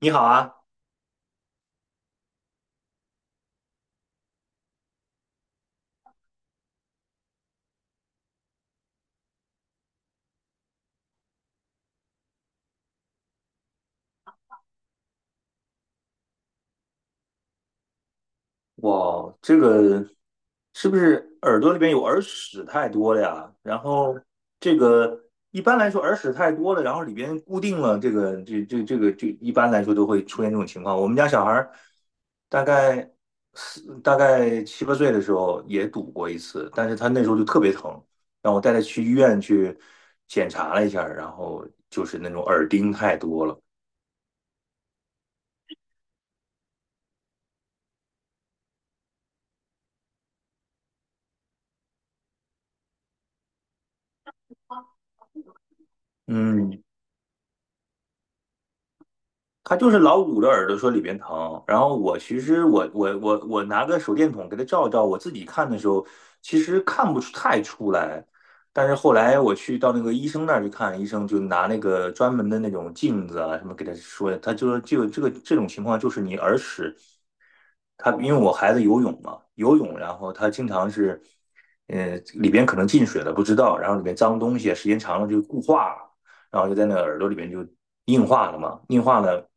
你好啊，哇，是不是耳朵里边有耳屎太多了呀？然后这个一般来说耳屎太多了，然后里边固定了这个这这这个这一般来说都会出现这种情况。我们家小孩儿大概大概七八岁的时候也堵过一次，但是他那时候就特别疼，让我带他去医院去检查了一下儿然后就是那种耳钉太多了。嗯，他就是老捂着耳朵说里边疼，然后我其实我我我我拿个手电筒给他照一照，我自己看的时候其实看不出太出来，但是后来我去到那个医生那儿去看，医生就拿那个专门的那种镜子啊什么给他说，他就说就这种情况就是你耳屎，他因为我孩子游泳嘛，游泳然后他经常是，里边可能进水了不知道，然后里边脏东西啊时间长了就固化了。然后就在那个耳朵里面就硬化了嘛，硬化了，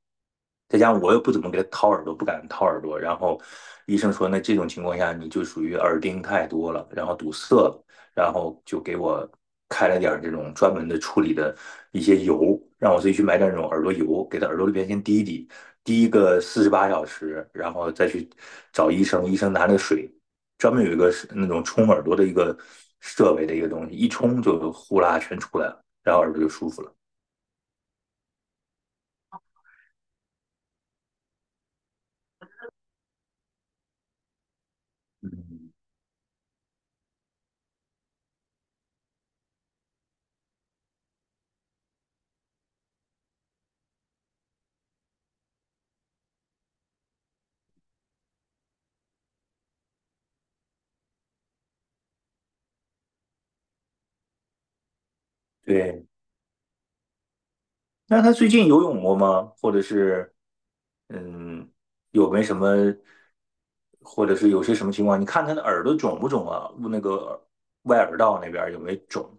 再加上我又不怎么给他掏耳朵，不敢掏耳朵，然后医生说，那这种情况下你就属于耳钉太多了，然后堵塞了，然后就给我开了点儿这种专门的处理的一些油，让我自己去买点儿那种耳朵油，给他耳朵里边先滴一滴，滴一个48小时，然后再去找医生，医生拿那个水。专门有一个那种冲耳朵的一个设备的一个东西，一冲就呼啦全出来了。然后耳朵就舒服了。嗯，对，那他最近游泳过吗？或者是，嗯，有没什么，或者是有些什么情况？你看他的耳朵肿不肿啊？那个耳外耳道那边有没有肿？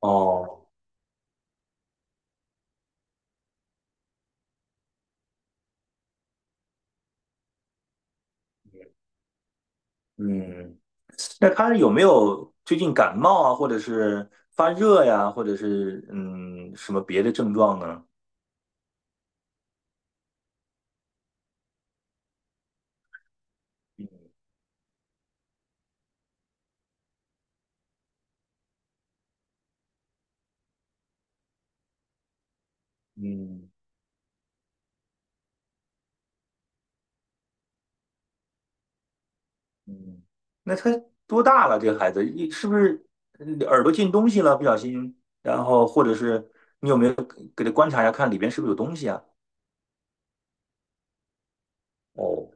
哦，嗯，那他有没有最近感冒啊，或者是发热呀，或者是什么别的症状呢？嗯。嗯，那他多大了？这个孩子，是不是耳朵进东西了？不小心，然后或者是你有没有给他观察一下，看里边是不是有东西啊？哦，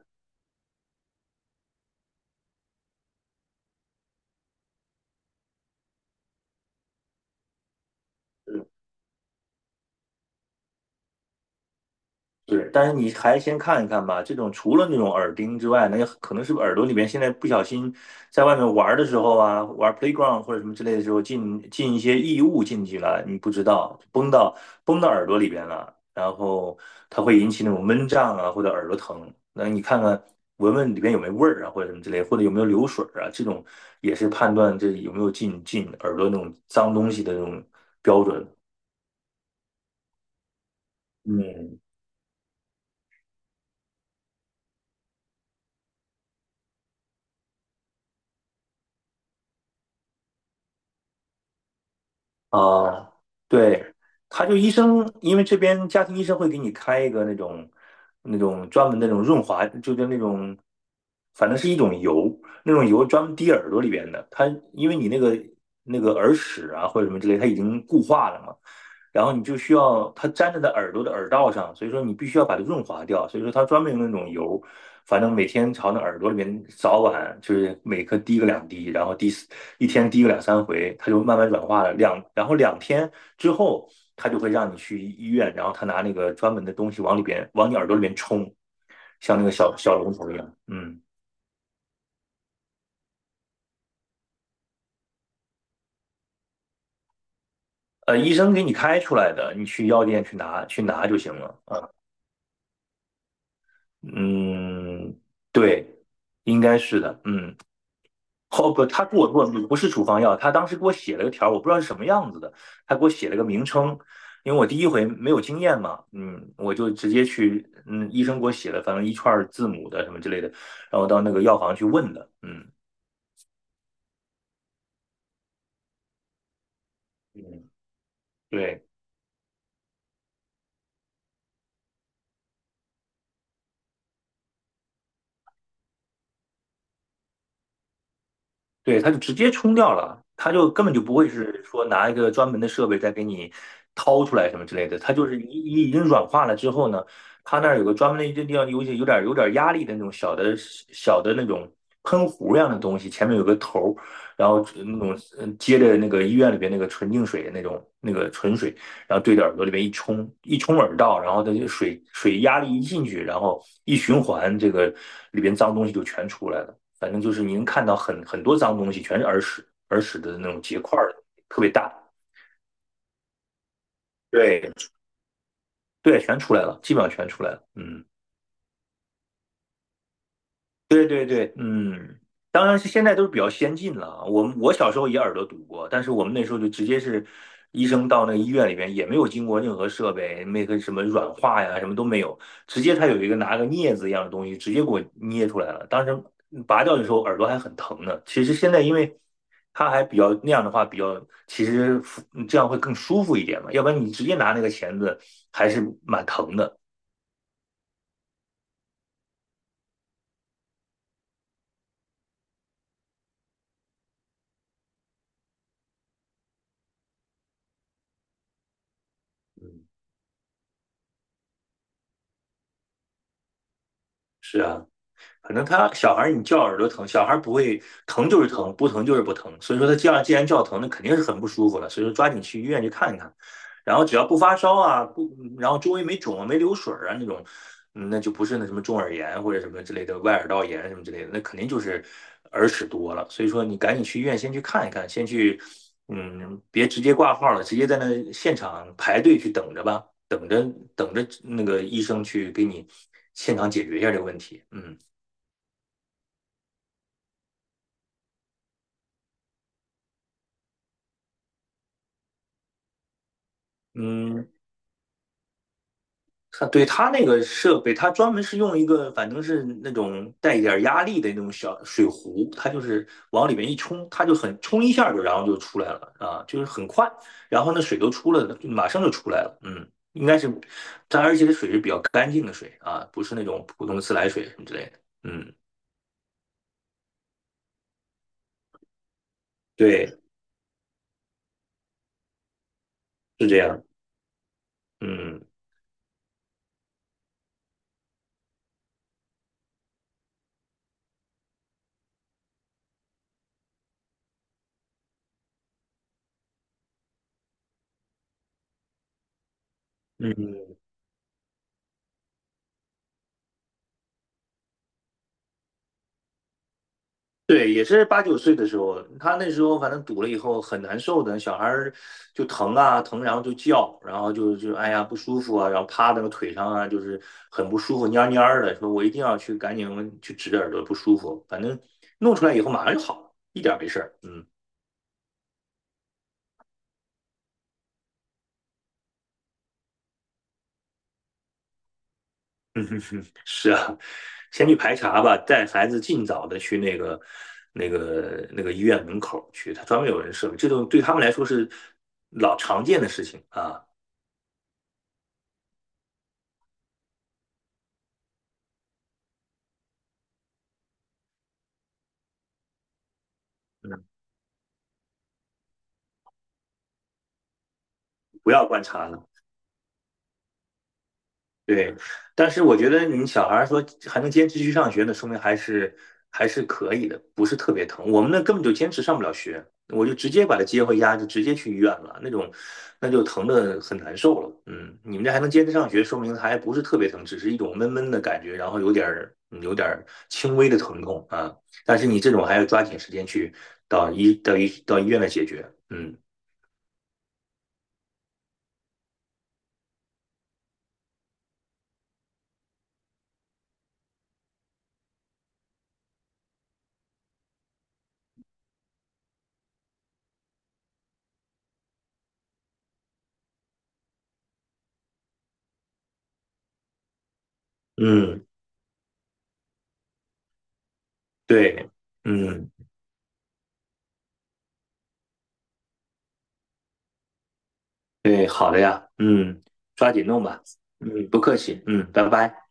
对，但是你还先看一看吧。这种除了那种耳钉之外，那可能是不是耳朵里面现在不小心在外面玩的时候啊，玩 playground 或者什么之类的时候进一些异物进去了，你不知道崩到耳朵里边了，然后它会引起那种闷胀啊或者耳朵疼。那你看看闻闻里边有没有味儿啊或者什么之类，或者有没有流水啊，这种也是判断这有没有进耳朵那种脏东西的那种标准。嗯，啊，对，他就医生，因为这边家庭医生会给你开一个那种专门的那种润滑，就是那种，反正是一种油，那种油专门滴耳朵里边的。它因为你那个耳屎啊或者什么之类，它已经固化了嘛，然后你就需要它粘着在耳朵的耳道上，所以说你必须要把它润滑掉。所以说它专门用那种油反正每天朝那耳朵里面，早晚就是每颗滴个两滴，然后滴一天滴个两三回，它就慢慢软化了。然后2天之后，它就会让你去医院，然后他拿那个专门的东西往里边往你耳朵里面冲，像那个小小龙头一样。嗯，医生给你开出来的，你去药店去拿就行了。啊，嗯，对，应该是的。嗯。哦不，他给我不是处方药，他当时给我写了个条我不知道是什么样子的，他给我写了个名称，因为我第一回没有经验嘛，嗯，我就直接去，嗯，医生给我写了，反正一串字母的什么之类的，然后到那个药房去问的，嗯嗯，对。对，它就直接冲掉了，它就根本就不会是说拿一个专门的设备再给你掏出来什么之类的，它就是已经软化了之后呢，它那儿有个专门的一个地方，有点压力的那种小的那种喷壶一样的东西，前面有个头儿，然后那种接着那个医院里边那个纯净水的那种那个纯水，然后对着耳朵里边一冲，一冲耳道，然后它就水压力一进去，然后一循环，这个里边脏东西就全出来了。反正就是您看到很多脏东西，全是耳屎，耳屎的那种结块儿，特别大。对对，全出来了，基本上全出来了。嗯。对对对，嗯，当然是现在都是比较先进了啊。我小时候也耳朵堵过，但是我们那时候就直接是医生到那个医院里边，也没有经过任何设备，那个什么软化呀，什么都没有，直接他有一个拿个镊子一样的东西，直接给我捏出来了。当时拔掉的时候耳朵还很疼呢。其实现在因为他还比较那样的话，比较其实服这样会更舒服一点嘛，要不然你直接拿那个钳子还是蛮疼的。嗯，是啊，可能他小孩你叫耳朵疼，小孩不会疼就是疼，不疼就是不疼。所以说既然叫疼，那肯定是很不舒服了。所以说抓紧去医院去看一看，然后只要不发烧啊，不，然后周围没肿啊、没流水啊那种，嗯那就不是那什么中耳炎或者什么之类的外耳道炎什么之类的，那肯定就是耳屎多了。所以说你赶紧去医院先去看一看，先去，嗯，别直接挂号了，直接在那现场排队去等着吧，等着那个医生去给你现场解决一下这个问题，嗯。嗯，他对他那个设备，他专门是用一个，反正是那种带一点压力的那种小水壶，它就是往里面一冲，它就很冲一下就，然后就出来了啊，就是很快，然后那水都出来了，马上就出来了。嗯，应该是它，而且这水是比较干净的水啊，不是那种普通的自来水什么之类的。嗯，对，是这样。嗯嗯。对，也是八九岁的时候，他那时候反正堵了以后很难受的，小孩儿就疼啊疼，然后就叫，然后就哎呀不舒服啊，然后趴在那个腿上啊，就是很不舒服，蔫儿蔫儿的，说我一定要去赶紧去指耳朵不舒服，反正弄出来以后马上就好了，一点儿没事儿。嗯，嗯哼哼，是啊，先去排查吧，带孩子尽早的去那个医院门口去，他专门有人设备这种对他们来说是老常见的事情啊，嗯，不要观察了。对，但是我觉得你小孩儿说还能坚持去上学呢，说明还是可以的，不是特别疼。我们那根本就坚持上不了学，我就直接把他接回家，就直接去医院了，那就疼的很难受了。嗯，你们这还能坚持上学，说明还不是特别疼，只是一种闷闷的感觉，然后有点儿轻微的疼痛啊。但是你这种还要抓紧时间去到医院来解决。嗯嗯，对，嗯。对。嗯，抓紧弄吧。嗯，不客气。嗯，拜拜。